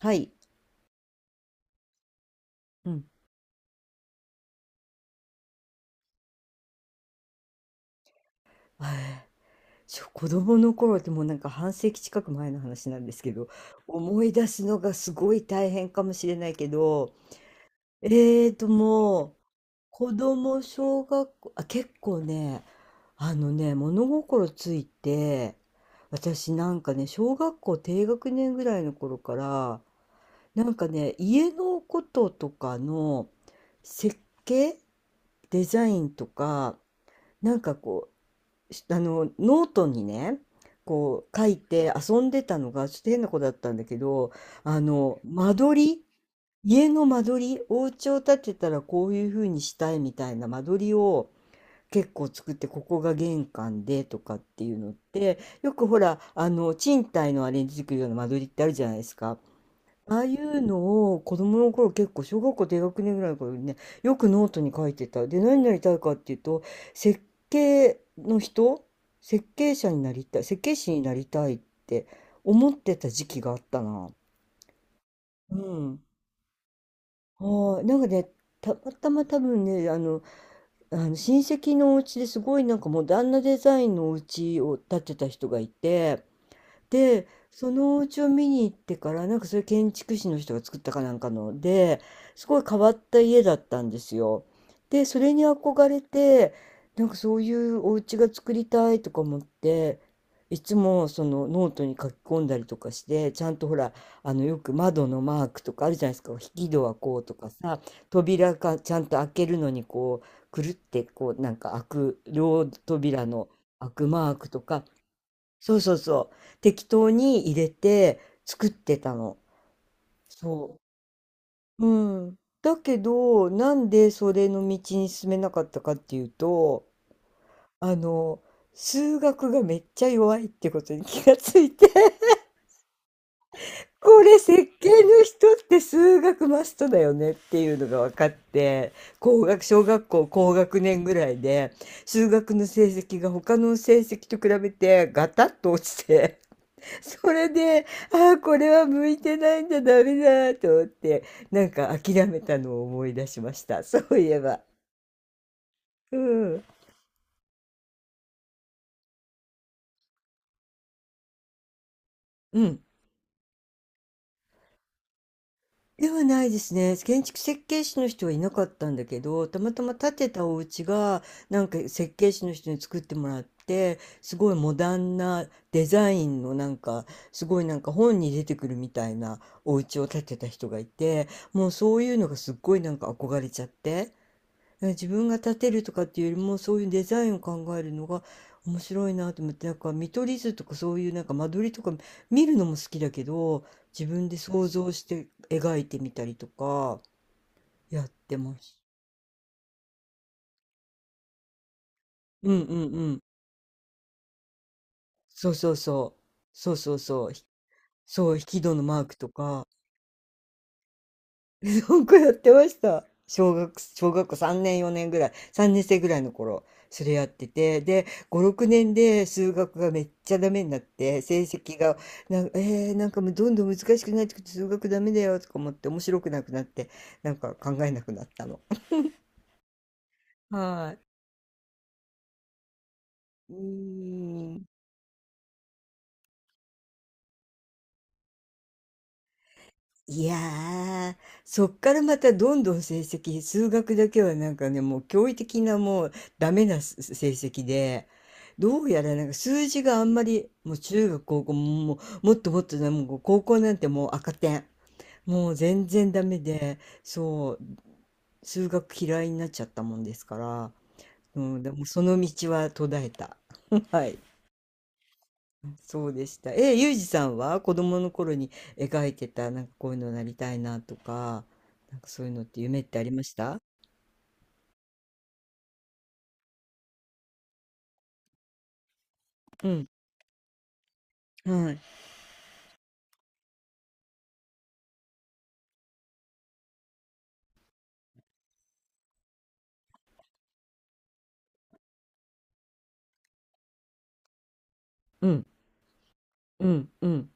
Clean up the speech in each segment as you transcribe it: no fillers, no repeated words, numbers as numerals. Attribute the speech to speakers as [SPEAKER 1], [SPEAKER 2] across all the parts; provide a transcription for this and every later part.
[SPEAKER 1] はい。うん。えーしょ子供の頃ってもうなんか半世紀近く前の話なんですけど、思い出すのがすごい大変かもしれないけど、もう、小学校、あ、結構ね、あのね、物心ついて、私なんかね、小学校低学年ぐらいの頃から、なんかね、家のこととかの設計、デザインとか、なんかこしあのノートにねこう書いて遊んでたのがちょっと変な子だったんだけど、あの間取り、家の間取り、お家を建てたらこういう風にしたいみたいな間取りを結構作って、ここが玄関でとかっていうのって、よくほらあの賃貸のあれに出てくるような間取りってあるじゃないですか。ああいうのを子供の頃、結構小学校低学年ぐらいの頃にねよくノートに書いてた。で、何になりたいかっていうと、設計の人設計者になりたい、設計士になりたいって思ってた時期があったな。うん。はい。なんかね、たまたま多分ね、あの、親戚のお家ですごいなんかモダンなデザインのお家を建てた人がいて。で、そのお家を見に行ってから、なんかそれ建築士の人が作ったかなんかので、すごい変わった家だったんですよ。で、それに憧れて、なんかそういうお家が作りたいとか思って、いつもそのノートに書き込んだりとかして、ちゃんとほら、あのよく窓のマークとかあるじゃないですか、引き戸はこうとかさ、扉がちゃんと開けるのにこう、くるってこうなんか開く、両扉の開くマークとか、そうそうそう。適当に入れて作ってたの。そう。うん。だけど、なんでそれの道に進めなかったかっていうと、あの、数学がめっちゃ弱いってことに気がついて、これ設計の人って数学マストだよねっていうのが分かって、小学校高学年ぐらいで、数学の成績が他の成績と比べてガタッと落ちて、それで、ああ、これは向いてないんだ、ダメだと思って、なんか諦めたのを思い出しました。そういえば。うん。うん。ではないですね。建築設計士の人はいなかったんだけど、たまたま建てたお家が、なんか設計士の人に作ってもらって、すごいモダンなデザインのなんか、すごいなんか本に出てくるみたいなお家を建てた人がいて、もうそういうのがすっごいなんか憧れちゃって。自分が立てるとかっていうよりも、そういうデザインを考えるのが面白いなと思って、なんか見取り図とかそういうなんか間取りとか見るのも好きだけど、自分で想像して描いてみたりとかやってます。うんうんうん。そうそうそう。そうそうそう。そう、引き戸のマークとか。本校やってました。小学校3年、4年ぐらい、3年生ぐらいの頃、それやってて、で、5、6年で数学がめっちゃダメになって、成績が、なんかもうどんどん難しくなってくて、数学ダメだよとか思って、面白くなくなって、なんか考えなくなったの。はい。うーん。いやー、そっからまたどんどん成績、数学だけはなんかね、もう驚異的なもうダメな成績で、どうやらなんか数字があんまり、もう中学、高校も、もうもっともっとだ、もう高校なんてもう赤点。もう全然ダメで、そう、数学嫌いになっちゃったもんですから、うん、でもその道は途絶えた。はい。そうでした。え、ゆうじさんは子供の頃に描いてた、なんかこういうのなりたいなとか、なんかそういうのって夢ってありました？うん。はい。うん。うん。うん。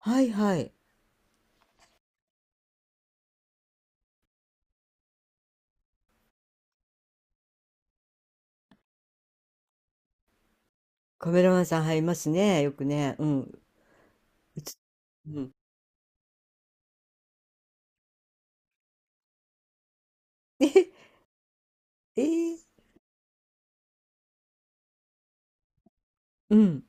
[SPEAKER 1] はいはい。カメラマンさん入りますね。よくね。うん。うつ、うん。え、えーうん。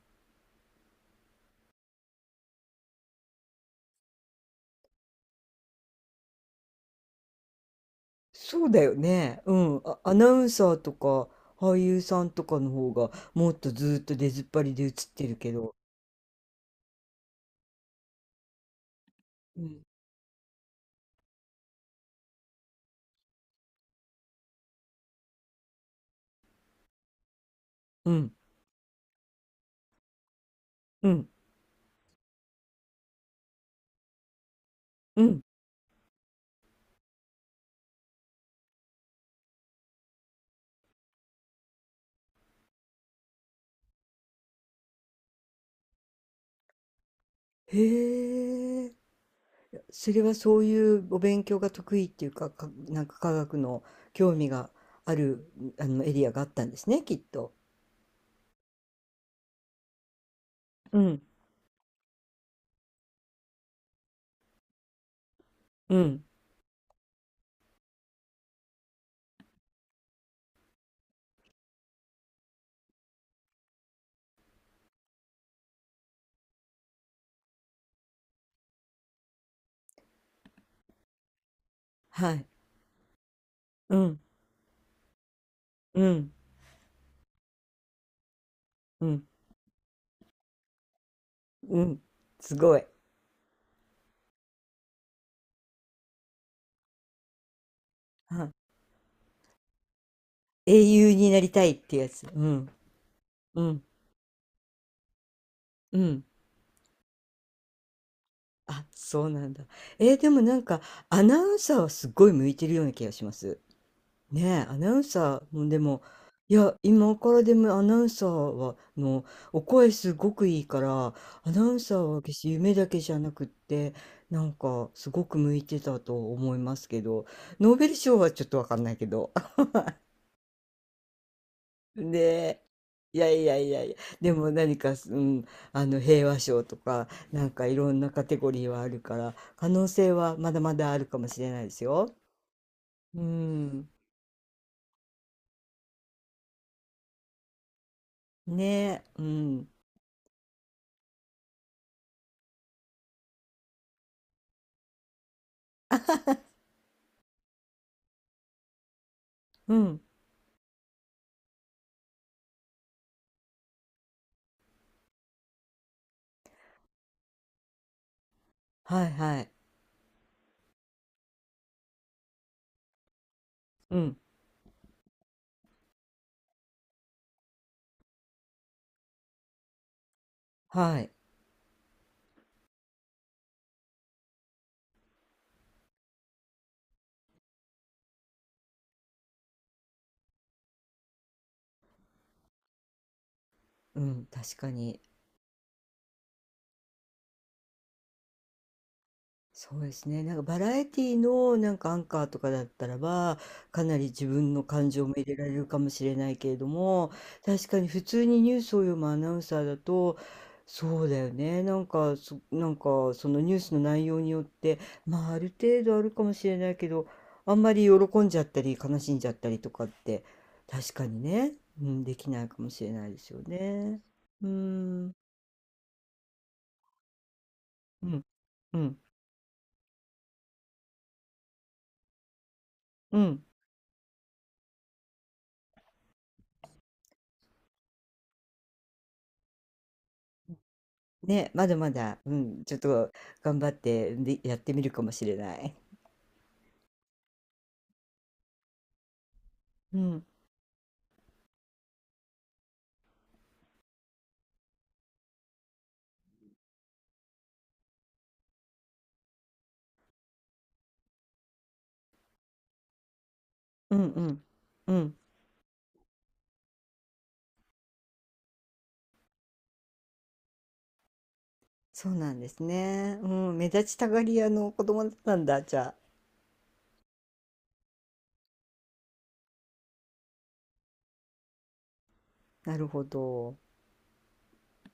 [SPEAKER 1] そうだよね。うん。あ、アナウンサーとか俳優さんとかの方がもっとずーっと出ずっぱりで映ってるけど。うん。うん。うん。うん。へえ。それはそういうお勉強が得意っていうか、なんか科学の興味がある、あの、エリアがあったんですね、きっと。うん、うん、はい、うん、うん、うん、うん、すごい。はい、英雄になりたいってやつ。うん、うん、うん。あ、そうなんだ。えーでもなんか、アナウンサーはすごい向いてるような気がします。ねえ、アナウンサーもでも、いや、今からでもアナウンサーは、の、お声すごくいいから、アナウンサーは決して夢だけじゃなくって、なんか、すごく向いてたと思いますけど、ノーベル賞はちょっとわかんないけど。ねいやいやいやいや、でも何か、うん、あの、平和賞とか、なんかいろんなカテゴリーはあるから、可能性はまだまだあるかもしれないですよ。うん。ねえ、うん。うん。はいはい。うん、はい。うん、確かに。そうですね。なんかバラエティのなんかアンカーとかだったらば、かなり自分の感情も入れられるかもしれないけれども、確かに普通にニュースを読むアナウンサーだと、そうだよね。なんかそのニュースの内容によって、まあある程度あるかもしれないけど、あんまり喜んじゃったり悲しんじゃったりとかって、確かにね、うん、できないかもしれないですよね。うーん、うん、うん。うん。ね、まだまだ、うん、ちょっと頑張って、で、やってみるかもしれない。うん、うん、うん、うん。そうなんですね。うん、目立ちたがり屋の子供だったんだ、じゃあ。なるほど。